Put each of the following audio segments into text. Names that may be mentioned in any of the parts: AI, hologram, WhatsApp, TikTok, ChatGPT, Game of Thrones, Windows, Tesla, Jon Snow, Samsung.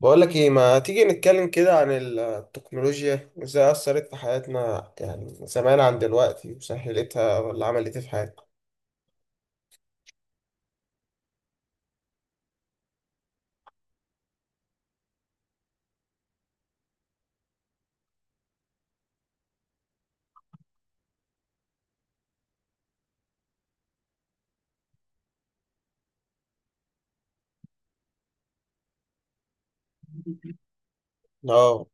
بقول لك ايه، ما تيجي نتكلم كده عن التكنولوجيا وازاي اثرت في حياتنا، يعني زمان عن دلوقتي وسهلتها ولا عملت ايه في حياتنا. اه.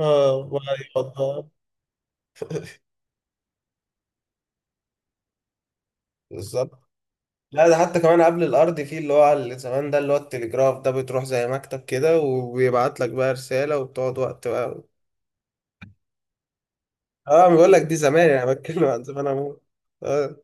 اه ولا يفضل. بالظبط. لا، ده حتى كمان قبل الارض فيه اللي هو على اللي زمان ده اللي هو التليجراف ده، بتروح زي مكتب كده وبيبعت لك بقى رسالة وبتقعد وقت بقى. اه، بقول لك دي زمان، يعني بتكلم عن زمان عموما. اه.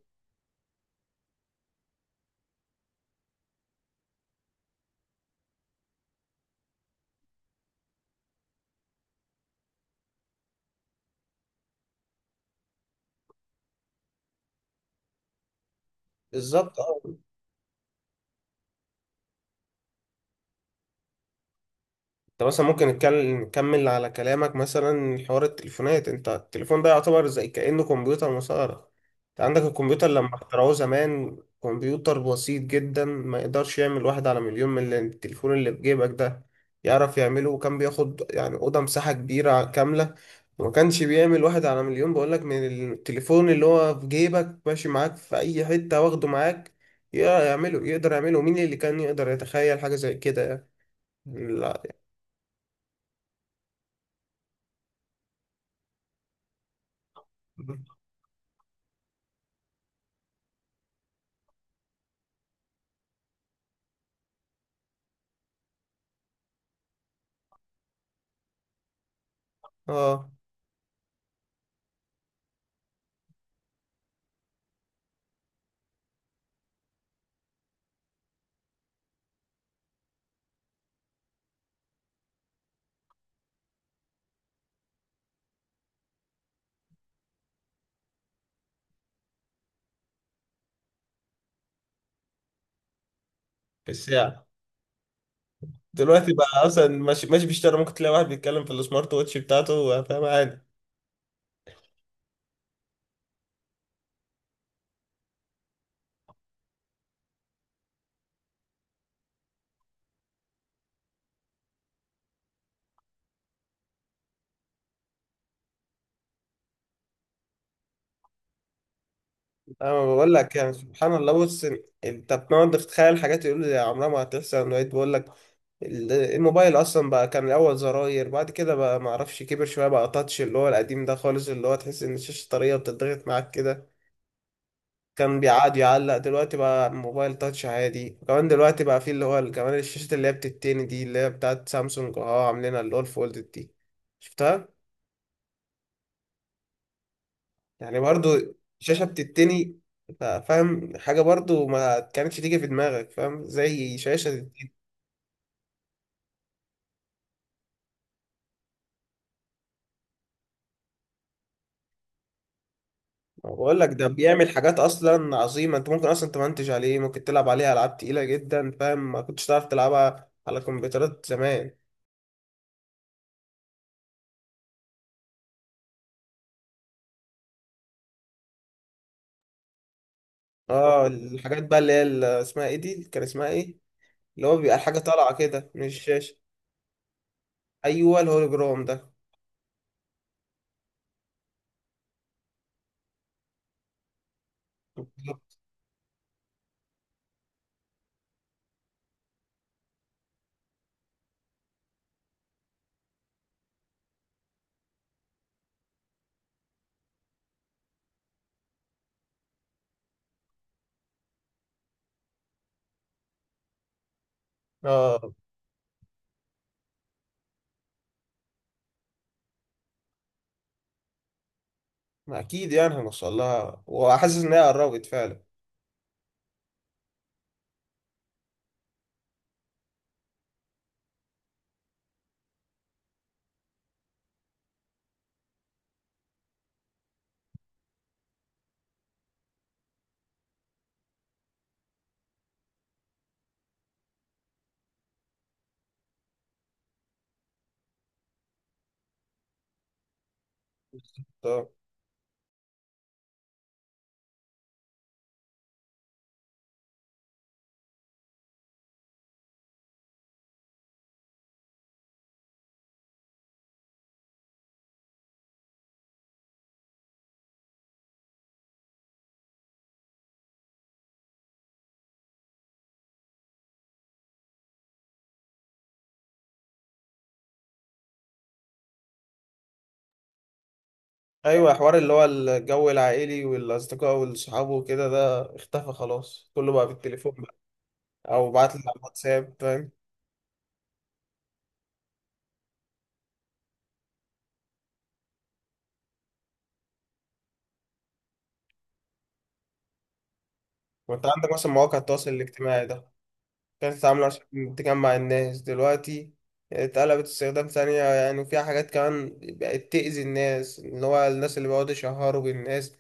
بالظبط. انت مثلا ممكن نتكلم نكمل على كلامك، مثلا حوار التليفونات، انت التليفون ده يعتبر زي كأنه كمبيوتر مسار. انت عندك الكمبيوتر لما اخترعوه زمان، كمبيوتر بسيط جدا ما يقدرش يعمل واحد على مليون من التليفون اللي في جيبك ده يعرف يعمله. وكان بياخد يعني أوضة مساحة كبيرة كاملة، وما كانش بيعمل واحد على مليون بقولك من التليفون اللي هو في جيبك ماشي معاك في أي حتة واخده معاك يعمله، يقدر يعمله. مين اللي كان يقدر يتخيل حاجة زي كده يعني؟ لا. اه. في الساعة. دلوقتي بقى اصلا ماشي بيشتغل، ممكن تلاقي واحد بيتكلم في السمارت ووتش بتاعته، فاهم، عادي. انا بقول لك يعني سبحان الله، بص انت بتقعد تتخيل حاجات يقول لي عمرها ما هتحصل، لقيت. بقول لك الموبايل اصلا بقى كان الاول زراير، بعد كده بقى ما اعرفش كبر شويه بقى تاتش، اللي هو القديم ده خالص اللي هو تحس ان الشاشه طريه وبتضغط معاك كده. كان بيقعد يعلق. دلوقتي بقى موبايل تاتش عادي، وكمان دلوقتي بقى فيه اللي هو كمان الشاشة اللي هي بتتني دي اللي هي بتاعت سامسونج، اه، عاملينها اللي هو الفولد دي. شفتها. يعني برضو شاشة بتتني، فاهم، حاجة برضو ما كانتش تيجي في دماغك، فاهم، زي شاشة تتني. ما بقول لك ده بيعمل حاجات اصلا عظيمة، انت ممكن اصلا تمنتج عليه، ممكن تلعب عليه العاب تقيلة جدا، فاهم، ما كنتش تعرف تلعبها على كمبيوترات زمان. اه الحاجات بقى اللي هي اسمها ايه دي، كان اسمها ايه اللي هو بيبقى الحاجة طالعة كده من الشاشة. أيوه الهولوجرام ده. اه ما أكيد يعني هنوصل لها، وحاسس إن هي قربت فعلا. طب. أيوه، حوار اللي هو الجو العائلي والأصدقاء والصحاب وكده، ده اختفى خلاص، كله بقى بالتليفون بقى، أو بعت لي على الواتساب، فاهم. وأنت عندك مثلا مواقع التواصل الاجتماعي ده كانت تتعامل عشان تجمع الناس، دلوقتي اتقلبت استخدام ثانية يعني، وفيها حاجات كمان بقت تأذي الناس، اللي هو الناس اللي بيقعدوا يشهروا بالناس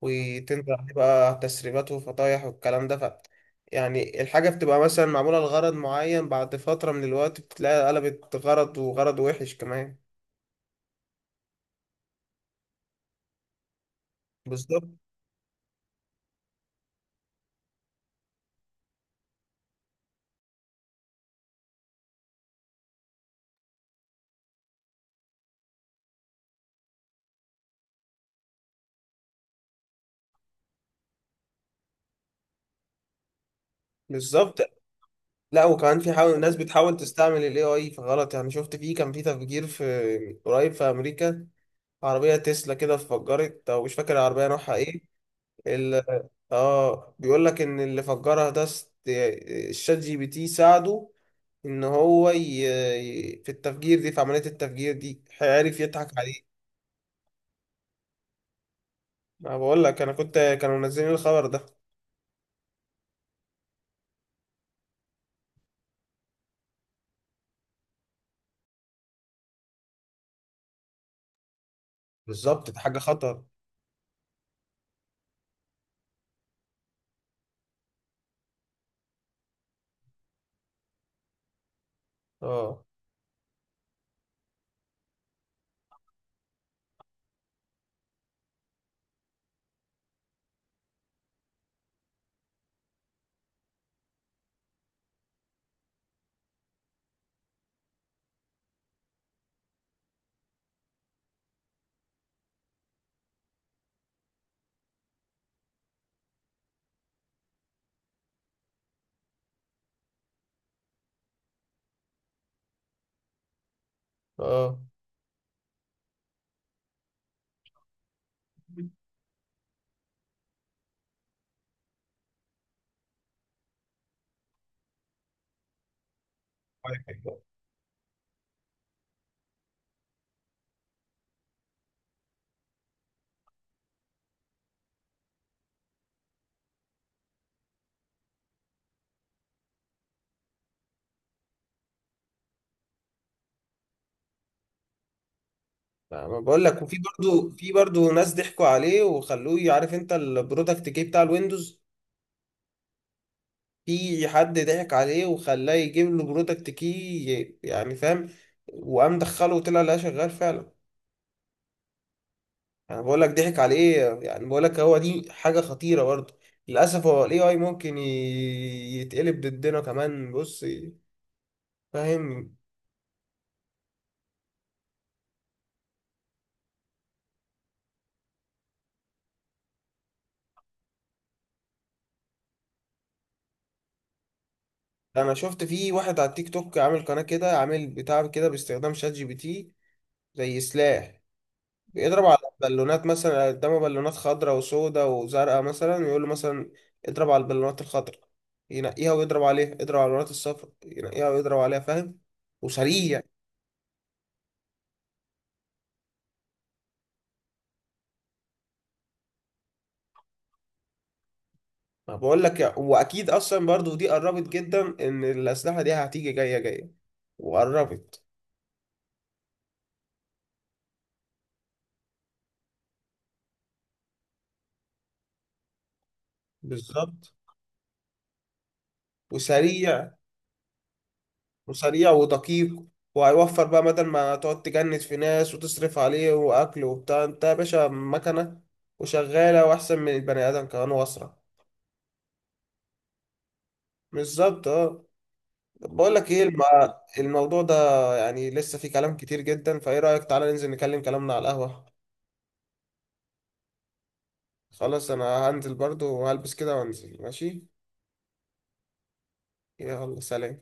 وتنزل عليه بقى تسريبات وفطايح والكلام ده. ف يعني الحاجة بتبقى مثلا معمولة لغرض معين، بعد فترة من الوقت بتلاقي قلبت غرض، وغرض وحش كمان. بالظبط. بالظبط. لا وكمان في حاول ناس بتحاول تستعمل ال AI في غلط، يعني شفت، فيه كان في تفجير في قريب في أمريكا، عربية تسلا كده اتفجرت، أو مش فاكر العربية نوعها إيه. ال... آه بيقول لك إن اللي فجرها ده الشات جي بي تي ساعده ان هو في التفجير دي، في عملية التفجير دي هيعرف يضحك عليه. ما بقول لك انا كنت، كانوا منزلين الخبر ده. بالظبط ده حاجة خطر. اه. اه. واحد بقى. ما بقول لك، وفي برضو، في برضو ناس ضحكوا عليه وخلوه، عارف انت البرودكت كي بتاع الويندوز، في حد ضحك عليه وخلاه يجيب له برودكت كي، يعني فاهم، وقام دخله وطلع لقاه شغال فعلا. انا بقول لك ضحك عليه يعني، بقول لك هو دي حاجه خطيره برضه، للاسف هو الاي اي ممكن يتقلب ضدنا كمان، بص، فاهم. انا شفت في واحد على التيك توك عامل قناه كده، عامل بتاع كده باستخدام شات جي بي تي زي سلاح، بيضرب على بالونات، مثلا قدامه بالونات خضراء وسوداء وزرقاء مثلا، ويقول له مثلا اضرب على البالونات الخضراء، ينقيها ويضرب عليها، اضرب على البالونات الصفراء، ينقيها ويضرب عليها، فاهم، وسريع. ما بقول لك واكيد اصلا برضو دي قربت جدا، ان الاسلحه دي هتيجي جايه وقربت. بالظبط. وسريع. وسريع ودقيق، وهيوفر بقى بدل ما تقعد تجند في ناس وتصرف عليه واكل وبتاع، انت يا باشا مكنه وشغاله واحسن من البني ادم كمان واسرع. بالظبط اه. بقول لك ايه الموضوع ده يعني لسه فيه كلام كتير جدا، فايه رايك تعالى ننزل نكلم كلامنا على القهوه. خلاص انا هنزل برضو وهلبس كده وانزل، ماشي. يلا، سلام.